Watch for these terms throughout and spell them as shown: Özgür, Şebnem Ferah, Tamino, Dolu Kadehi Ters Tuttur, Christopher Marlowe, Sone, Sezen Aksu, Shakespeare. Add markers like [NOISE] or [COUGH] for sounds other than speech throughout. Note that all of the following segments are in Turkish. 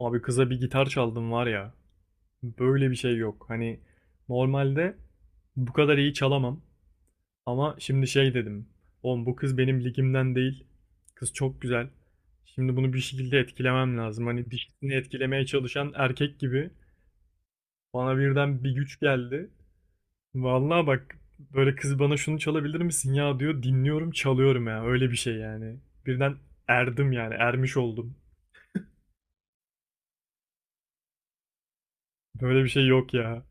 Abi kıza bir gitar çaldım var ya. Böyle bir şey yok. Hani normalde bu kadar iyi çalamam. Ama şimdi şey dedim. Oğlum bu kız benim ligimden değil. Kız çok güzel. Şimdi bunu bir şekilde etkilemem lazım. Hani dişisini etkilemeye çalışan erkek gibi bana birden bir güç geldi. Vallahi bak böyle kız bana şunu çalabilir misin ya diyor. Dinliyorum çalıyorum ya. Öyle bir şey yani. Birden erdim yani ermiş oldum. Böyle bir şey yok ya.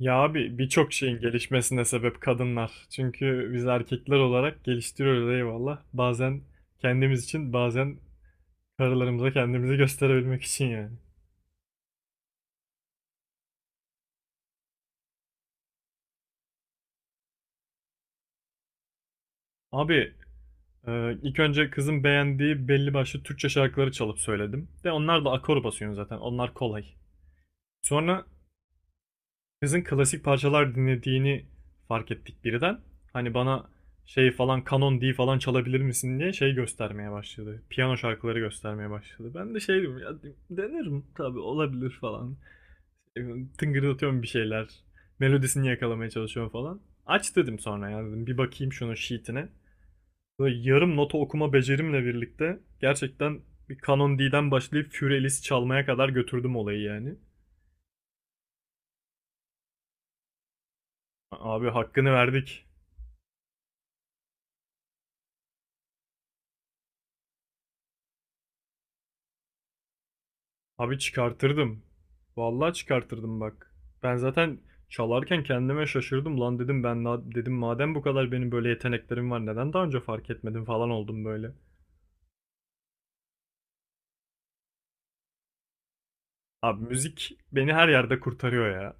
Ya abi birçok şeyin gelişmesine sebep kadınlar. Çünkü biz erkekler olarak geliştiriyoruz eyvallah. Bazen kendimiz için bazen karılarımıza kendimizi gösterebilmek için yani. Abi ilk önce kızın beğendiği belli başlı Türkçe şarkıları çalıp söyledim. De onlar da akor basıyorsun zaten onlar kolay. Sonra kızın klasik parçalar dinlediğini fark ettik birden. Hani bana şey falan kanon D falan çalabilir misin diye şey göstermeye başladı. Piyano şarkıları göstermeye başladı. Ben de şey dedim ya denerim tabii olabilir falan. E, Tıngırdatıyorum bir şeyler. Melodisini yakalamaya çalışıyorum falan. Aç dedim sonra ya dedim bir bakayım şunun sheetine. Böyle yarım nota okuma becerimle birlikte gerçekten bir kanon D'den başlayıp Fury Alice çalmaya kadar götürdüm olayı yani. Abi hakkını verdik. Abi çıkartırdım. Vallahi çıkartırdım bak. Ben zaten çalarken kendime şaşırdım lan dedim ben dedim madem bu kadar benim böyle yeteneklerim var neden daha önce fark etmedim falan oldum böyle. Abi müzik beni her yerde kurtarıyor ya.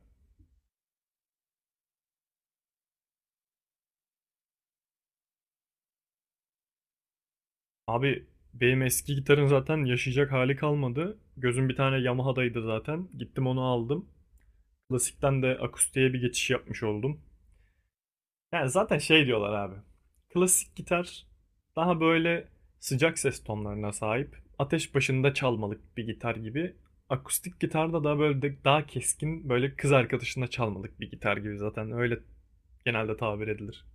Abi benim eski gitarın zaten yaşayacak hali kalmadı. Gözüm bir tane Yamaha'daydı zaten. Gittim onu aldım. Klasikten de akustiğe bir geçiş yapmış oldum. Yani zaten şey diyorlar abi. Klasik gitar daha böyle sıcak ses tonlarına sahip. Ateş başında çalmalık bir gitar gibi. Akustik gitar da daha böyle daha keskin böyle kız arkadaşına çalmalık bir gitar gibi zaten öyle genelde tabir edilir.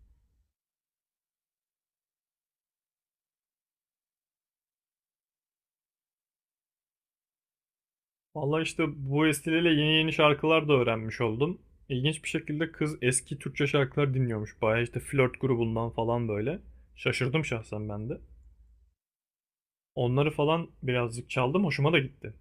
Vallahi işte bu vesileyle yeni yeni şarkılar da öğrenmiş oldum. İlginç bir şekilde kız eski Türkçe şarkılar dinliyormuş. Bayağı işte flört grubundan falan böyle. Şaşırdım şahsen ben de. Onları falan birazcık çaldım hoşuma da gitti.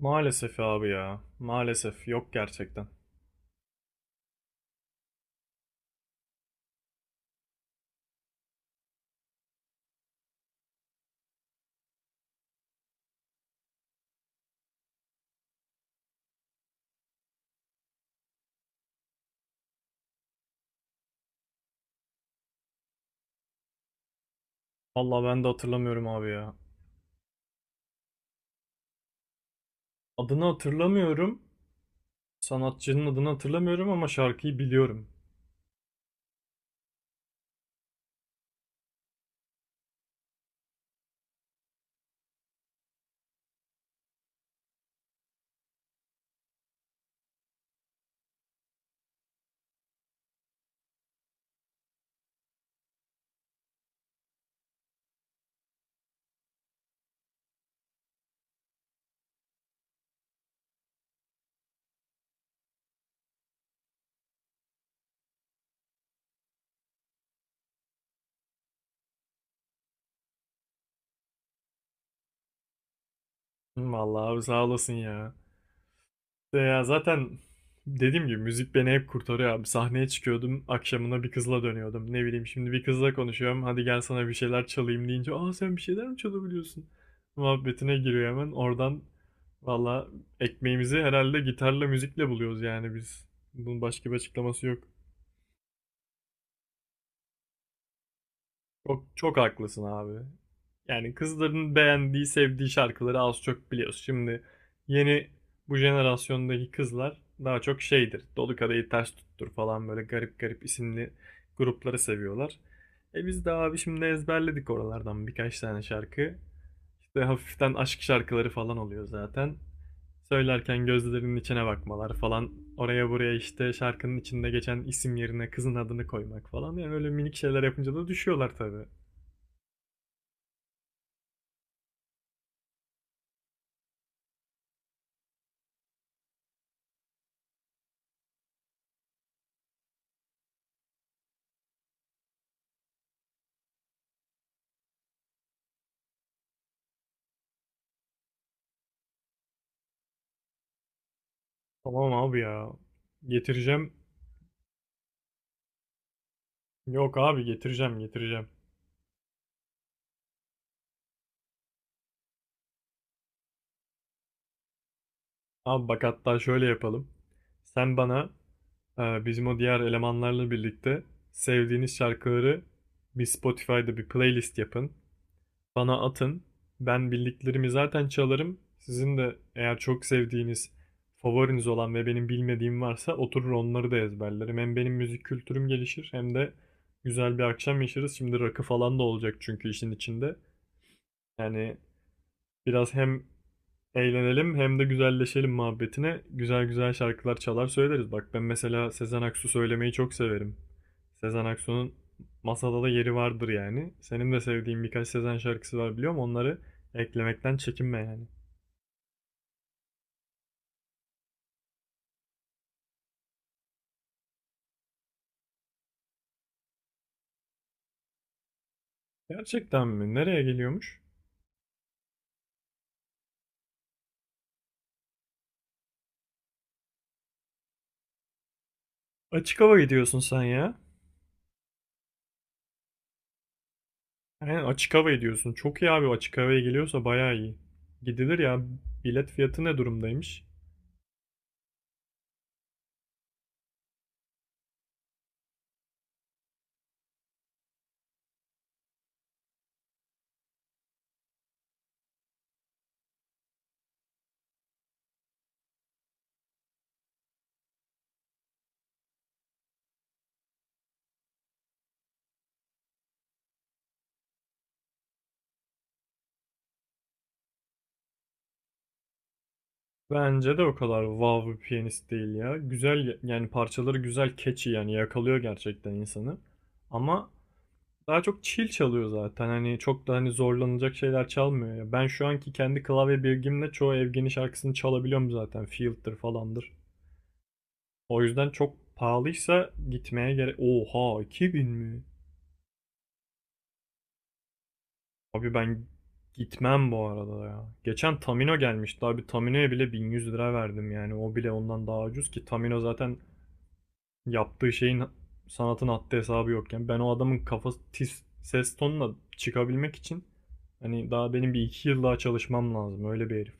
Maalesef abi ya. Maalesef yok gerçekten. Vallahi ben de hatırlamıyorum abi ya. Adını hatırlamıyorum. Sanatçının adını hatırlamıyorum ama şarkıyı biliyorum. Vallahi abi sağ olasın ya. De ya zaten dediğim gibi müzik beni hep kurtarıyor abi. Sahneye çıkıyordum, akşamına bir kızla dönüyordum. Ne bileyim şimdi bir kızla konuşuyorum. Hadi gel sana bir şeyler çalayım deyince, "Aa sen bir şeyler mi çalabiliyorsun?" muhabbetine giriyor hemen. Oradan valla ekmeğimizi herhalde gitarla müzikle buluyoruz yani biz. Bunun başka bir açıklaması yok. Çok haklısın abi. Yani kızların beğendiği, sevdiği şarkıları az çok biliyoruz. Şimdi yeni bu jenerasyondaki kızlar daha çok şeydir. Dolu Kadehi Ters Tuttur falan böyle garip garip isimli grupları seviyorlar. E biz de abi şimdi ezberledik oralardan birkaç tane şarkı. İşte hafiften aşk şarkıları falan oluyor zaten. Söylerken gözlerinin içine bakmalar falan. Oraya buraya işte şarkının içinde geçen isim yerine kızın adını koymak falan. Yani öyle minik şeyler yapınca da düşüyorlar tabii. Tamam abi ya. Getireceğim. Yok abi getireceğim. Abi bak hatta şöyle yapalım. Sen bana bizim o diğer elemanlarla birlikte sevdiğiniz şarkıları bir Spotify'da bir playlist yapın. Bana atın. Ben bildiklerimi zaten çalarım. Sizin de eğer çok sevdiğiniz favoriniz olan ve benim bilmediğim varsa oturur onları da ezberlerim. Hem benim müzik kültürüm gelişir hem de güzel bir akşam yaşarız. Şimdi rakı falan da olacak çünkü işin içinde. Yani biraz hem eğlenelim hem de güzelleşelim muhabbetine güzel güzel şarkılar çalar söyleriz. Bak ben mesela Sezen Aksu söylemeyi çok severim. Sezen Aksu'nun masada da yeri vardır yani. Senin de sevdiğin birkaç Sezen şarkısı var biliyorum. Onları eklemekten çekinme yani. Gerçekten mi? Nereye geliyormuş? Açık hava gidiyorsun sen ya. Aynen açık hava gidiyorsun. Çok iyi abi açık havaya geliyorsa bayağı iyi. Gidilir ya. Bilet fiyatı ne durumdaymış? Bence de o kadar wow bir piyanist değil ya. Güzel yani parçaları güzel, catchy yani yakalıyor gerçekten insanı. Ama daha çok chill çalıyor zaten. Hani çok da hani zorlanacak şeyler çalmıyor ya. Ben şu anki kendi klavye bilgimle çoğu Evgen'i şarkısını çalabiliyorum zaten. Field'dir falandır. O yüzden çok pahalıysa gitmeye gerek... Oha 2000 mi? Abi ben gitmem bu arada ya. Geçen Tamino gelmişti abi. Tamino'ya bile 1100 lira verdim yani. O bile ondan daha ucuz ki Tamino zaten yaptığı şeyin sanatın haddi hesabı yokken ben o adamın kafası tiz ses tonuna çıkabilmek için hani daha benim bir iki yıl daha çalışmam lazım öyle bir herif.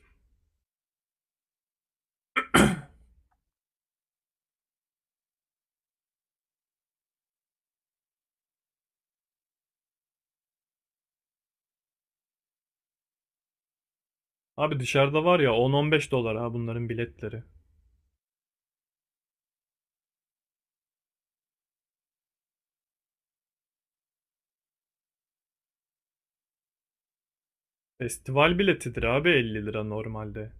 Abi dışarıda var ya 10-15 dolar ha bunların biletleri. Festival biletidir abi 50 lira normalde.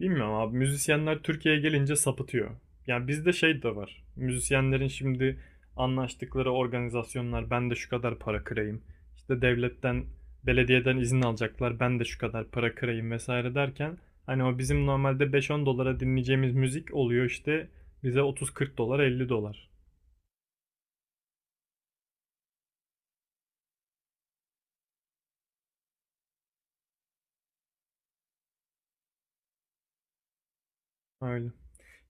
Bilmiyorum abi müzisyenler Türkiye'ye gelince sapıtıyor. Yani bizde şey de var. Müzisyenlerin şimdi anlaştıkları organizasyonlar ben de şu kadar para kırayım. İşte devletten, belediyeden izin alacaklar ben de şu kadar para kırayım vesaire derken hani o bizim normalde 5-10 dolara dinleyeceğimiz müzik oluyor işte bize 30-40 dolar 50 dolar. Öyle.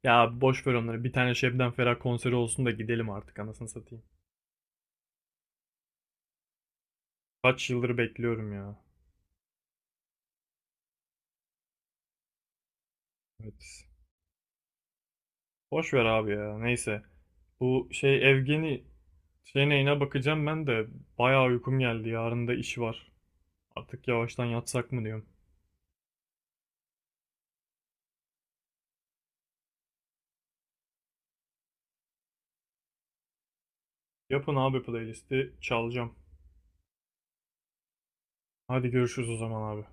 Ya boş ver onları. Bir tane Şebnem Ferah konseri olsun da gidelim artık anasını satayım. Kaç yıldır bekliyorum ya. Evet. Boş ver abi ya. Neyse. Bu şey Evgeni şey neyine bakacağım ben de bayağı uykum geldi. Yarın da iş var. Artık yavaştan yatsak mı diyorum. Yapın abi playlisti çalacağım. Hadi görüşürüz o zaman abi.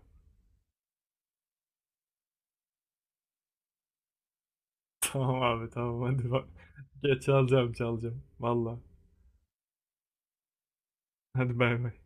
[LAUGHS] Tamam abi tamam hadi bak. [LAUGHS] Geç çalacağım çalacağım. Valla. Hadi bay bay.